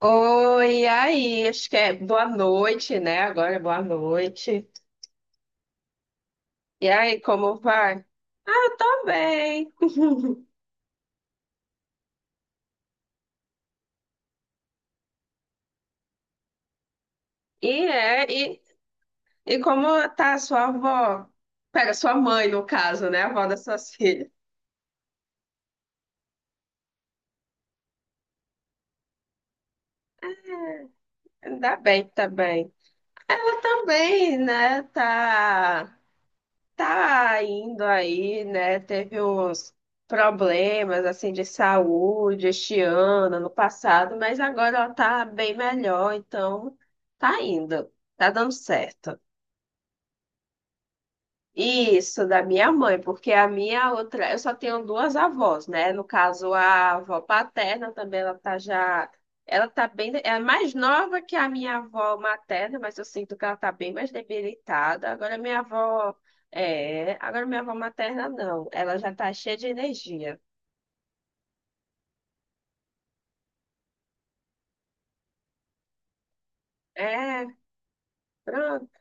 Oi, e aí, acho que é boa noite, né? Agora é boa noite. E aí, como vai? Ah, eu tô bem. E é, como tá a sua avó? Pera, sua mãe, no caso, né? A avó das suas filhas. Ainda bem, tá bem. Ela também, né? Tá tá indo aí, né? Teve uns problemas assim de saúde este ano, no passado, mas agora ela tá bem melhor, então tá indo, tá dando certo. Isso, da minha mãe, porque a minha outra, eu só tenho duas avós, né? No caso, a avó paterna também, ela tá bem, é mais nova que a minha avó materna, mas eu sinto que ela tá bem mais debilitada. Agora minha avó materna não, ela já tá cheia de energia. É, pronto.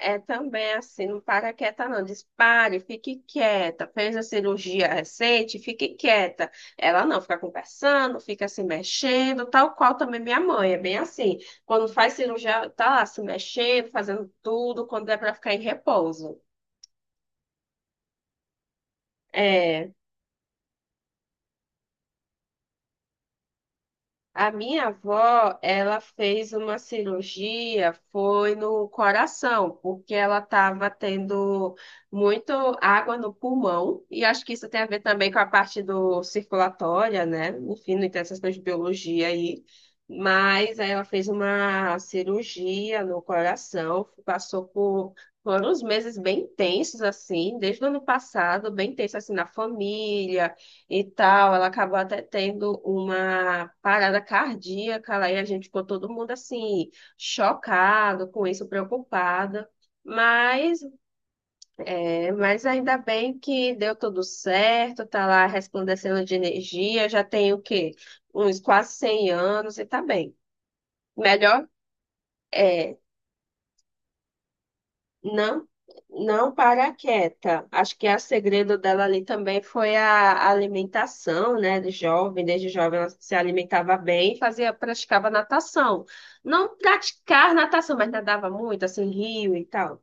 É também assim, não para quieta não, diz pare, fique quieta, fez a cirurgia recente, fique quieta. Ela não, fica conversando, fica se mexendo, tal qual também minha mãe, é bem assim. Quando faz cirurgia, tá lá se mexendo, fazendo tudo, quando é para ficar em repouso. É. A minha avó, ela fez uma cirurgia, foi no coração, porque ela estava tendo muito água no pulmão, e acho que isso tem a ver também com a parte do circulatória, né? Enfim, não interessa essas coisas de biologia aí. Mas aí ela fez uma cirurgia no coração, passou por foram uns meses bem tensos, assim, desde o ano passado, bem tenso, assim, na família, e tal. Ela acabou até tendo uma parada cardíaca lá e a gente ficou todo mundo assim, chocado com isso, preocupada. Mas, mas ainda bem que deu tudo certo, tá lá resplandecendo de energia, já tem o quê? Uns quase 100 anos e tá bem. Melhor, é, Não, não para quieta. Acho que a segredo dela ali também foi a alimentação, né? De jovem, desde jovem ela se alimentava bem e fazia, praticava natação. Não praticar natação, mas nadava muito, assim, rio e tal.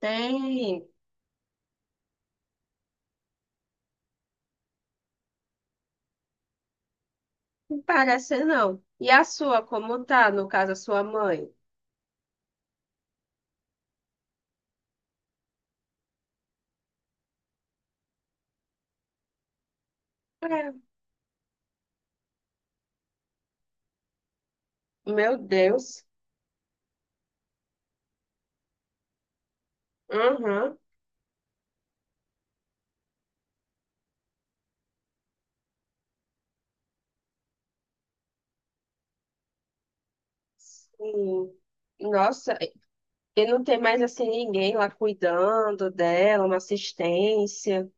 Tem, não parece não. E a sua, como tá, no caso, a sua mãe? É, meu Deus. Uhum. Sim. Nossa, e não tem mais assim ninguém lá cuidando dela, uma assistência.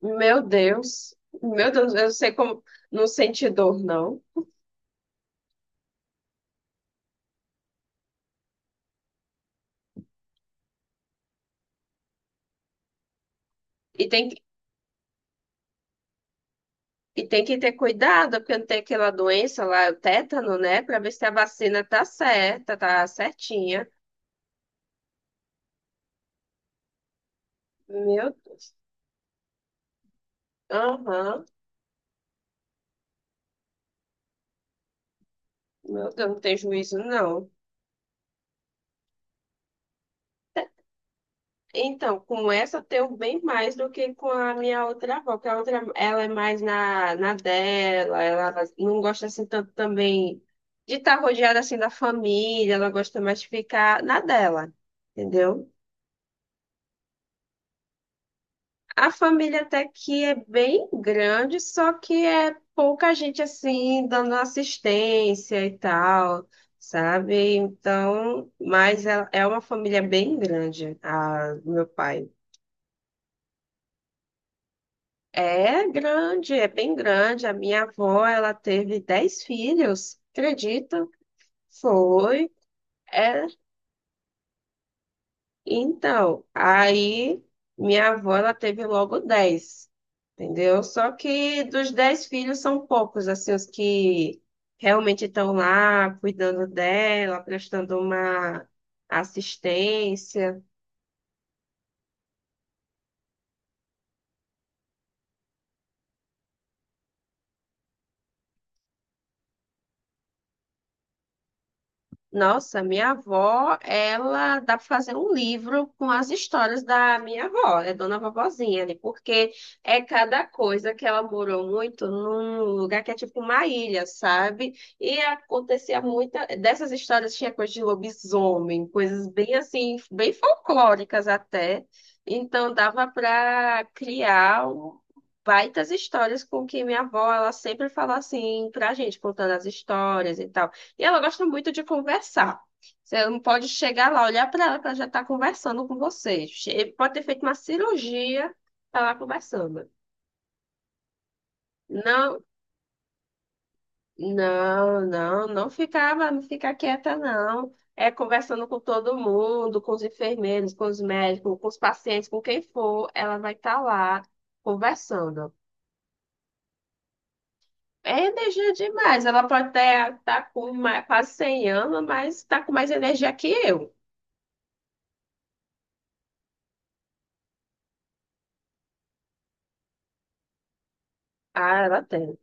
Meu Deus, meu Deus, eu sei como não sente dor, não. E tem, que- e tem que ter cuidado, porque não tem aquela doença lá, o tétano, né? Pra ver se a vacina tá certa, tá certinha. Meu Deus. Aham. Meu Deus, não tem juízo, não. Então, com essa eu tenho bem mais do que com a minha outra avó, que a outra, ela é mais na dela, ela não gosta assim tanto também de estar rodeada assim da família, ela gosta mais de ficar na dela, entendeu? A família até que é bem grande, só que é pouca gente assim dando assistência e tal, sabe? Então, é uma família bem grande, a do meu pai. É grande, é bem grande. A minha avó, ela teve 10 filhos, acredita? Foi. É, então, aí minha avó, ela teve logo 10, entendeu? Só que dos 10 filhos são poucos, assim, os que realmente estão lá cuidando dela, prestando uma assistência. Nossa, minha avó, ela dá para fazer um livro com as histórias da minha avó, é Dona Vovozinha, ali, porque é cada coisa que ela morou muito num lugar que é tipo uma ilha, sabe? E acontecia muita dessas histórias, tinha coisa de lobisomem, coisas bem assim, bem folclóricas até. Então dava para criar um- baitas histórias com que minha avó, ela sempre fala assim pra gente, contando as histórias e tal. E ela gosta muito de conversar. Você não pode chegar lá, olhar para ela, que ela já está conversando com você. Pode ter feito uma cirurgia, tá lá conversando. Não, não, não, não ficava, não fica quieta, não. É conversando com todo mundo, com os enfermeiros, com os médicos, com os pacientes, com quem for, ela vai estar lá conversando. É energia demais. Ela pode até estar com mais, quase 100 anos, mas está com mais energia que eu. Ah, ela tem.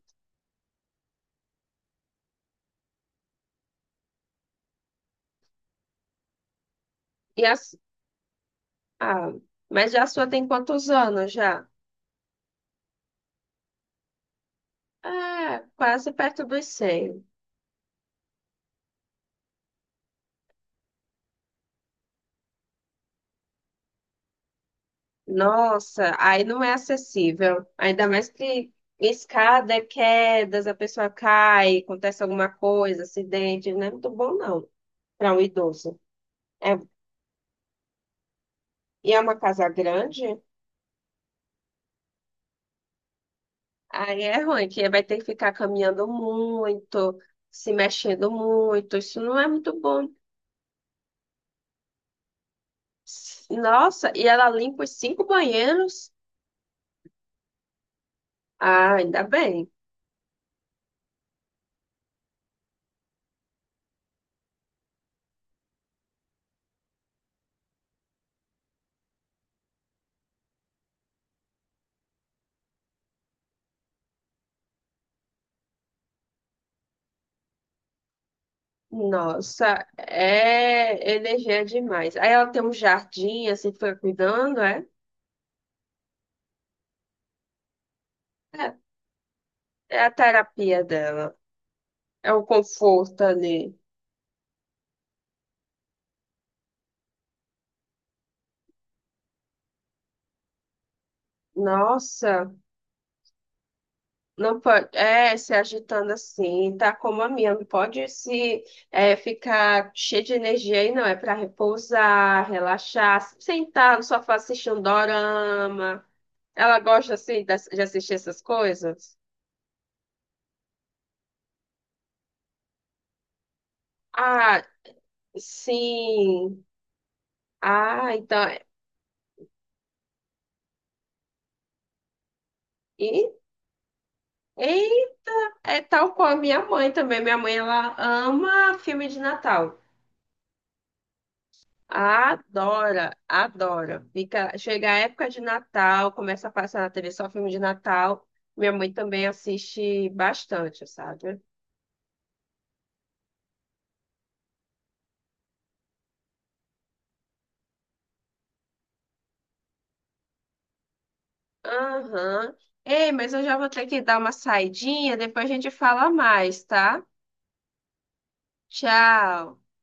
E a Ah, mas já a sua tem quantos anos já? Ah, quase perto dos 100. Nossa, aí não é acessível. Ainda mais que escada é quedas, a pessoa cai, acontece alguma coisa, acidente. Não é muito bom, não, para um idoso. É, e é uma casa grande, aí é ruim, que vai ter que ficar caminhando muito, se mexendo muito. Isso não é muito bom. Nossa, e ela limpa os cinco banheiros? Ah, ainda bem. Nossa, é energia demais. Aí ela tem um jardim, assim, fica cuidando, é? É, é a terapia dela. É o conforto ali. Nossa, não pode. É, se agitando assim, tá como a minha. Não pode se é, ficar cheio de energia aí, não. É para repousar, relaxar, sentar no sofá assistir um dorama. Ela gosta, assim, de assistir essas coisas? Ah, sim. Ah, então. E é tal qual a minha mãe também. Minha mãe, ela ama filme de Natal. Adora, adora. Fica, chega a época de Natal, começa a passar na TV só filme de Natal. Minha mãe também assiste bastante, sabe? Aham. Ei, mas eu já vou ter que dar uma saidinha, depois a gente fala mais, tá? Tchau.